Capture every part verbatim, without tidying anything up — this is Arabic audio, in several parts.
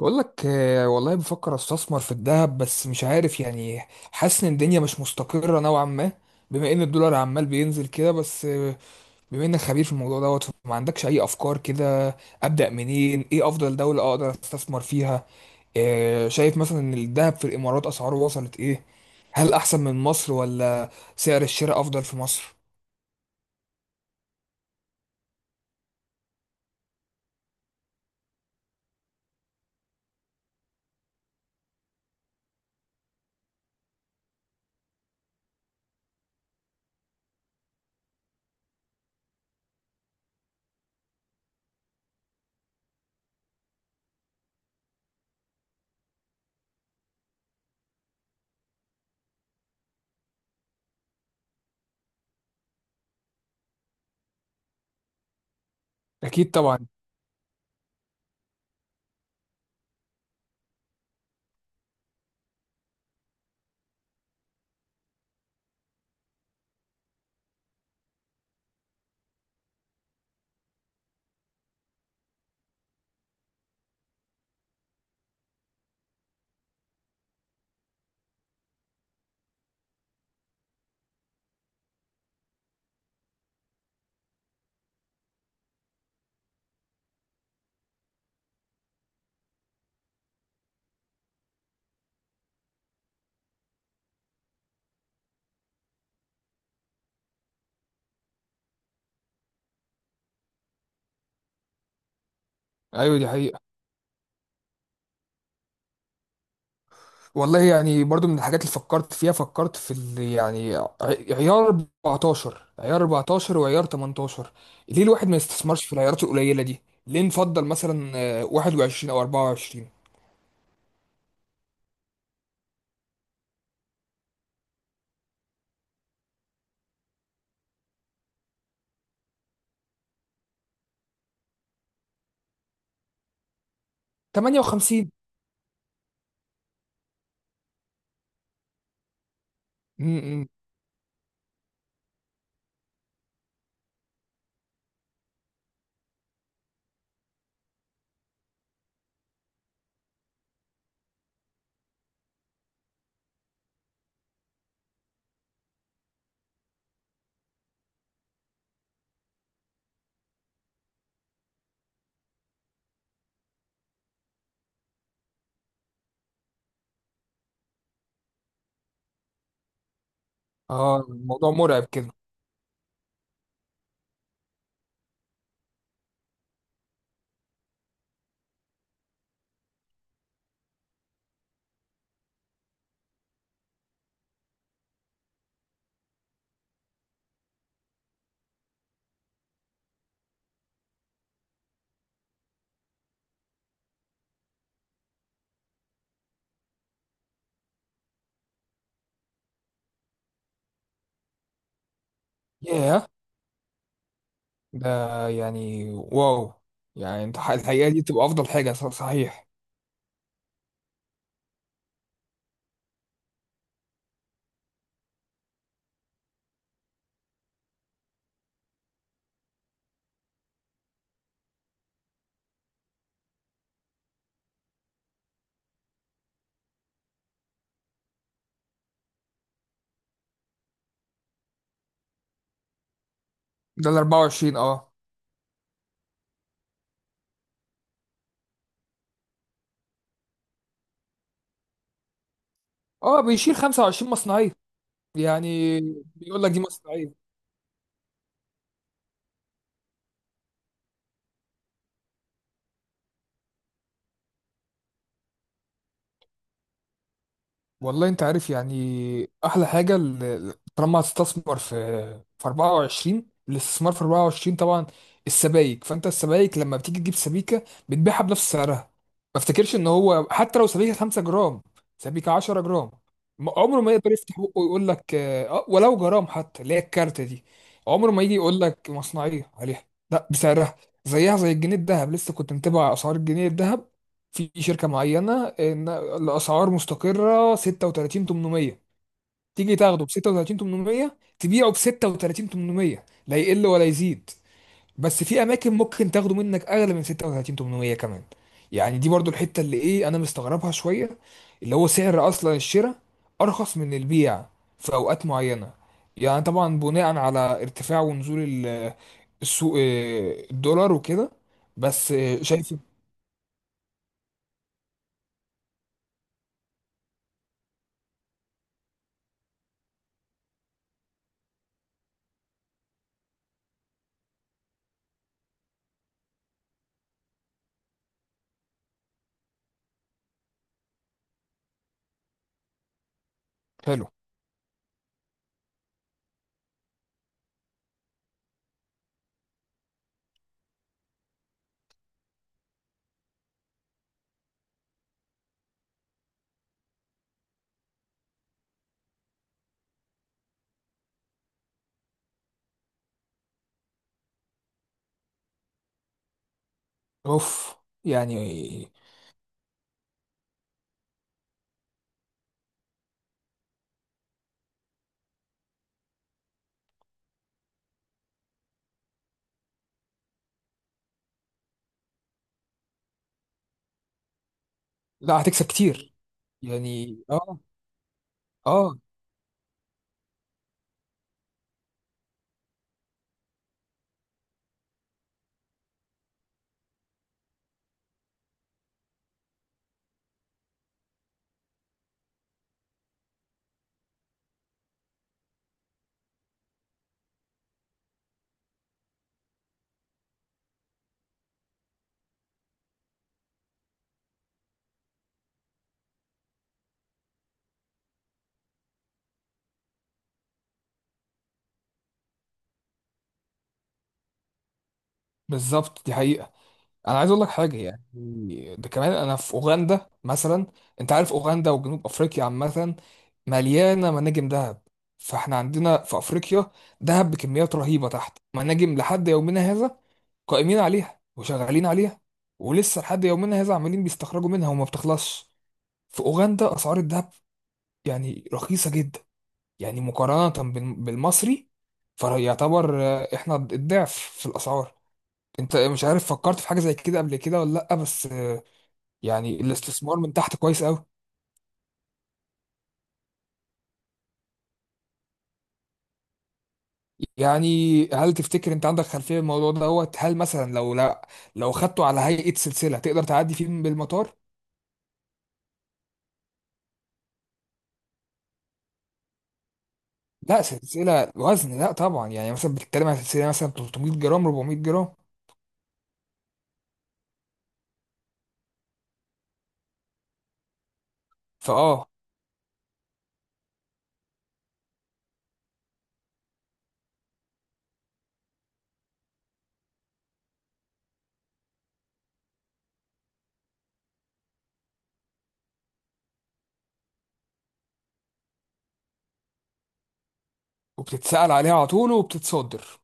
بقول لك، آه، والله بفكر استثمر في الذهب بس مش عارف يعني. حاسس ان الدنيا مش مستقرة نوعا ما. بما ان الدولار عمال بينزل كده بس آه، بما انك خبير في الموضوع دوت، ما عندكش اي افكار كده؟ ابدأ منين؟ ايه افضل دولة اقدر استثمر فيها؟ آه، شايف مثلا ان الذهب في الامارات اسعاره وصلت ايه؟ هل احسن من مصر ولا؟ سعر الشراء افضل في مصر؟ اكيد طبعا. ايوه، دي حقيقة. والله، يعني برضو من الحاجات اللي فكرت فيها. فكرت في ال- يعني ع- عيار اربعتاشر، عيار اربعتاشر وعيار تمنتاشر. ليه الواحد ما يستثمرش في العيارات القليلة دي؟ ليه نفضل مثلا آه، واحد وعشرين او اربعة وعشرين؟ تمانية وخمسين. م- م. اه، الموضوع مرعب كده. ياه. ده، يعني واو. يعني انت ح- الحقيقة دي تبقى افضل حاجة، ص- صحيح. ده ال اربعة وعشرين، اه. اه، بيشيل خمسة وعشرين مصنعية. يعني بيقول لك دي مصنعية. والله، انت عارف، يعني احلى حاجه ال- طالما هتستثمر في في اربعة وعشرين. الاستثمار في اربعة وعشرين طبعا. السبائك، فانت السبائك لما بتيجي تجيب سبيكه بتبيعها بنفس سعرها. ما افتكرش ان هو، حتى لو سبيكه 5 جرام، سبيكه 10 جرام، م- عمره ما يقدر يفتح بقه ويقول لك اه، آه، ولو جرام حتى، اللي هي الكارت دي. عمره ما يجي يقول لك مصنعيه عليها. لا، بسعرها. زيها زي الجنيه الذهب. لسه كنت متابع اسعار الجنيه الذهب في شركة معينة، إن الأسعار مستقرة ستة وتلاتين تمنمية. تيجي تاخده ب ستة وتلاتين تمنمية، تبيعه ب ستة وتلاتين تمنمية، لا يقل ولا يزيد. بس في أماكن ممكن تاخده منك أغلى من ستة وتلاتين تمنمية كمان. يعني دي برضو الحتة اللي إيه، أنا مستغربها شوية. اللي هو سعر أصلا الشراء أرخص من البيع في أوقات معينة، يعني طبعا بناء على ارتفاع ونزول ال- السوق، آه، الدولار وكده. بس آه، شايف. حلو. اوف. يعني. لا، هتكسب كتير. يعني اه. اه. بالظبط، دي حقيقة. انا عايز اقول لك حاجة، يعني ده كمان. انا في اوغندا مثلا. انت عارف اوغندا وجنوب افريقيا عامة مليانة مناجم ذهب. فاحنا عندنا في افريقيا ذهب بكميات رهيبة تحت مناجم لحد يومنا هذا، قائمين عليها وشغالين عليها. ولسه لحد يومنا هذا عمالين بيستخرجوا منها وما بتخلصش. في اوغندا اسعار الذهب يعني رخيصة جدا، يعني مقارنة بال- بالمصري. فيعتبر، آه، احنا الضعف في الأسعار. انت مش عارف، فكرت في حاجة زي كده قبل كده ولا لأ؟ بس آه، يعني الاستثمار من تحت كويس قوي. يعني هل تفتكر انت عندك خلفية الموضوع دوت؟ هل مثلا لو لا، لو خدته على هيئة سلسلة تقدر تعدي فيه من بالمطار؟ لا، سلسلة وزن. لا طبعا، يعني مثلا بتتكلم عن سلسلة مثلا 300 جرام، 400 جرام. فاه. وبتتسأل عليها على طول وبتتصدر.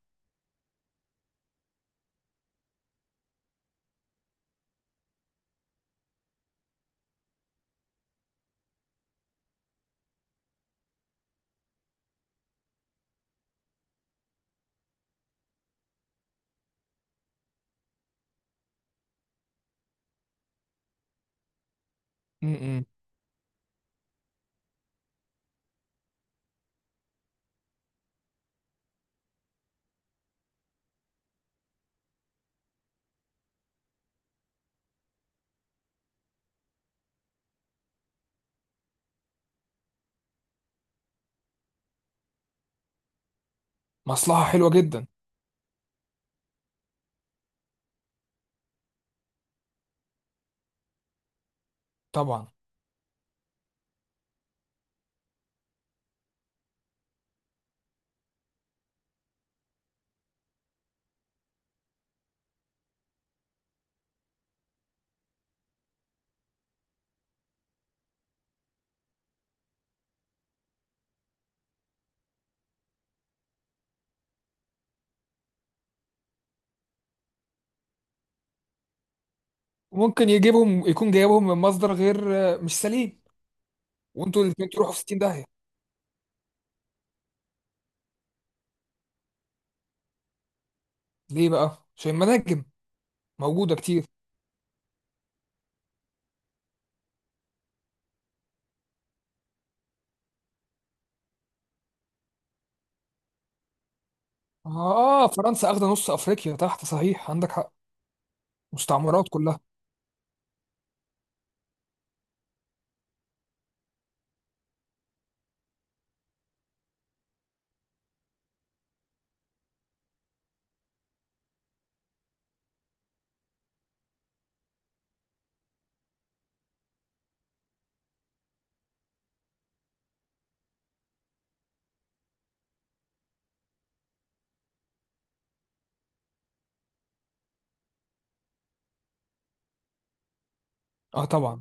م- م. مصلحة حلوة جدا. طبعا. ممكن يجيبهم يكون جايبهم من مصدر غير مش سليم. وانتوا الاثنين تروحوا في ستين داهيه. ليه بقى؟ عشان المناجم موجوده كتير. اه، فرنسا اخده نص افريقيا تحت. صحيح عندك حق. مستعمرات كلها. اه طبعا.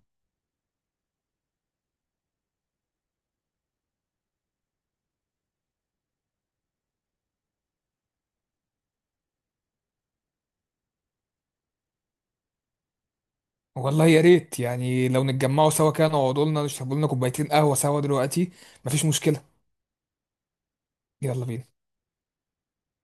والله يا ريت، يعني لو نتجمعوا سوا كده، نقعدوا لنا نشربوا لنا كوبايتين قهوه سوا دلوقتي. مفيش مشكله. يلا بينا.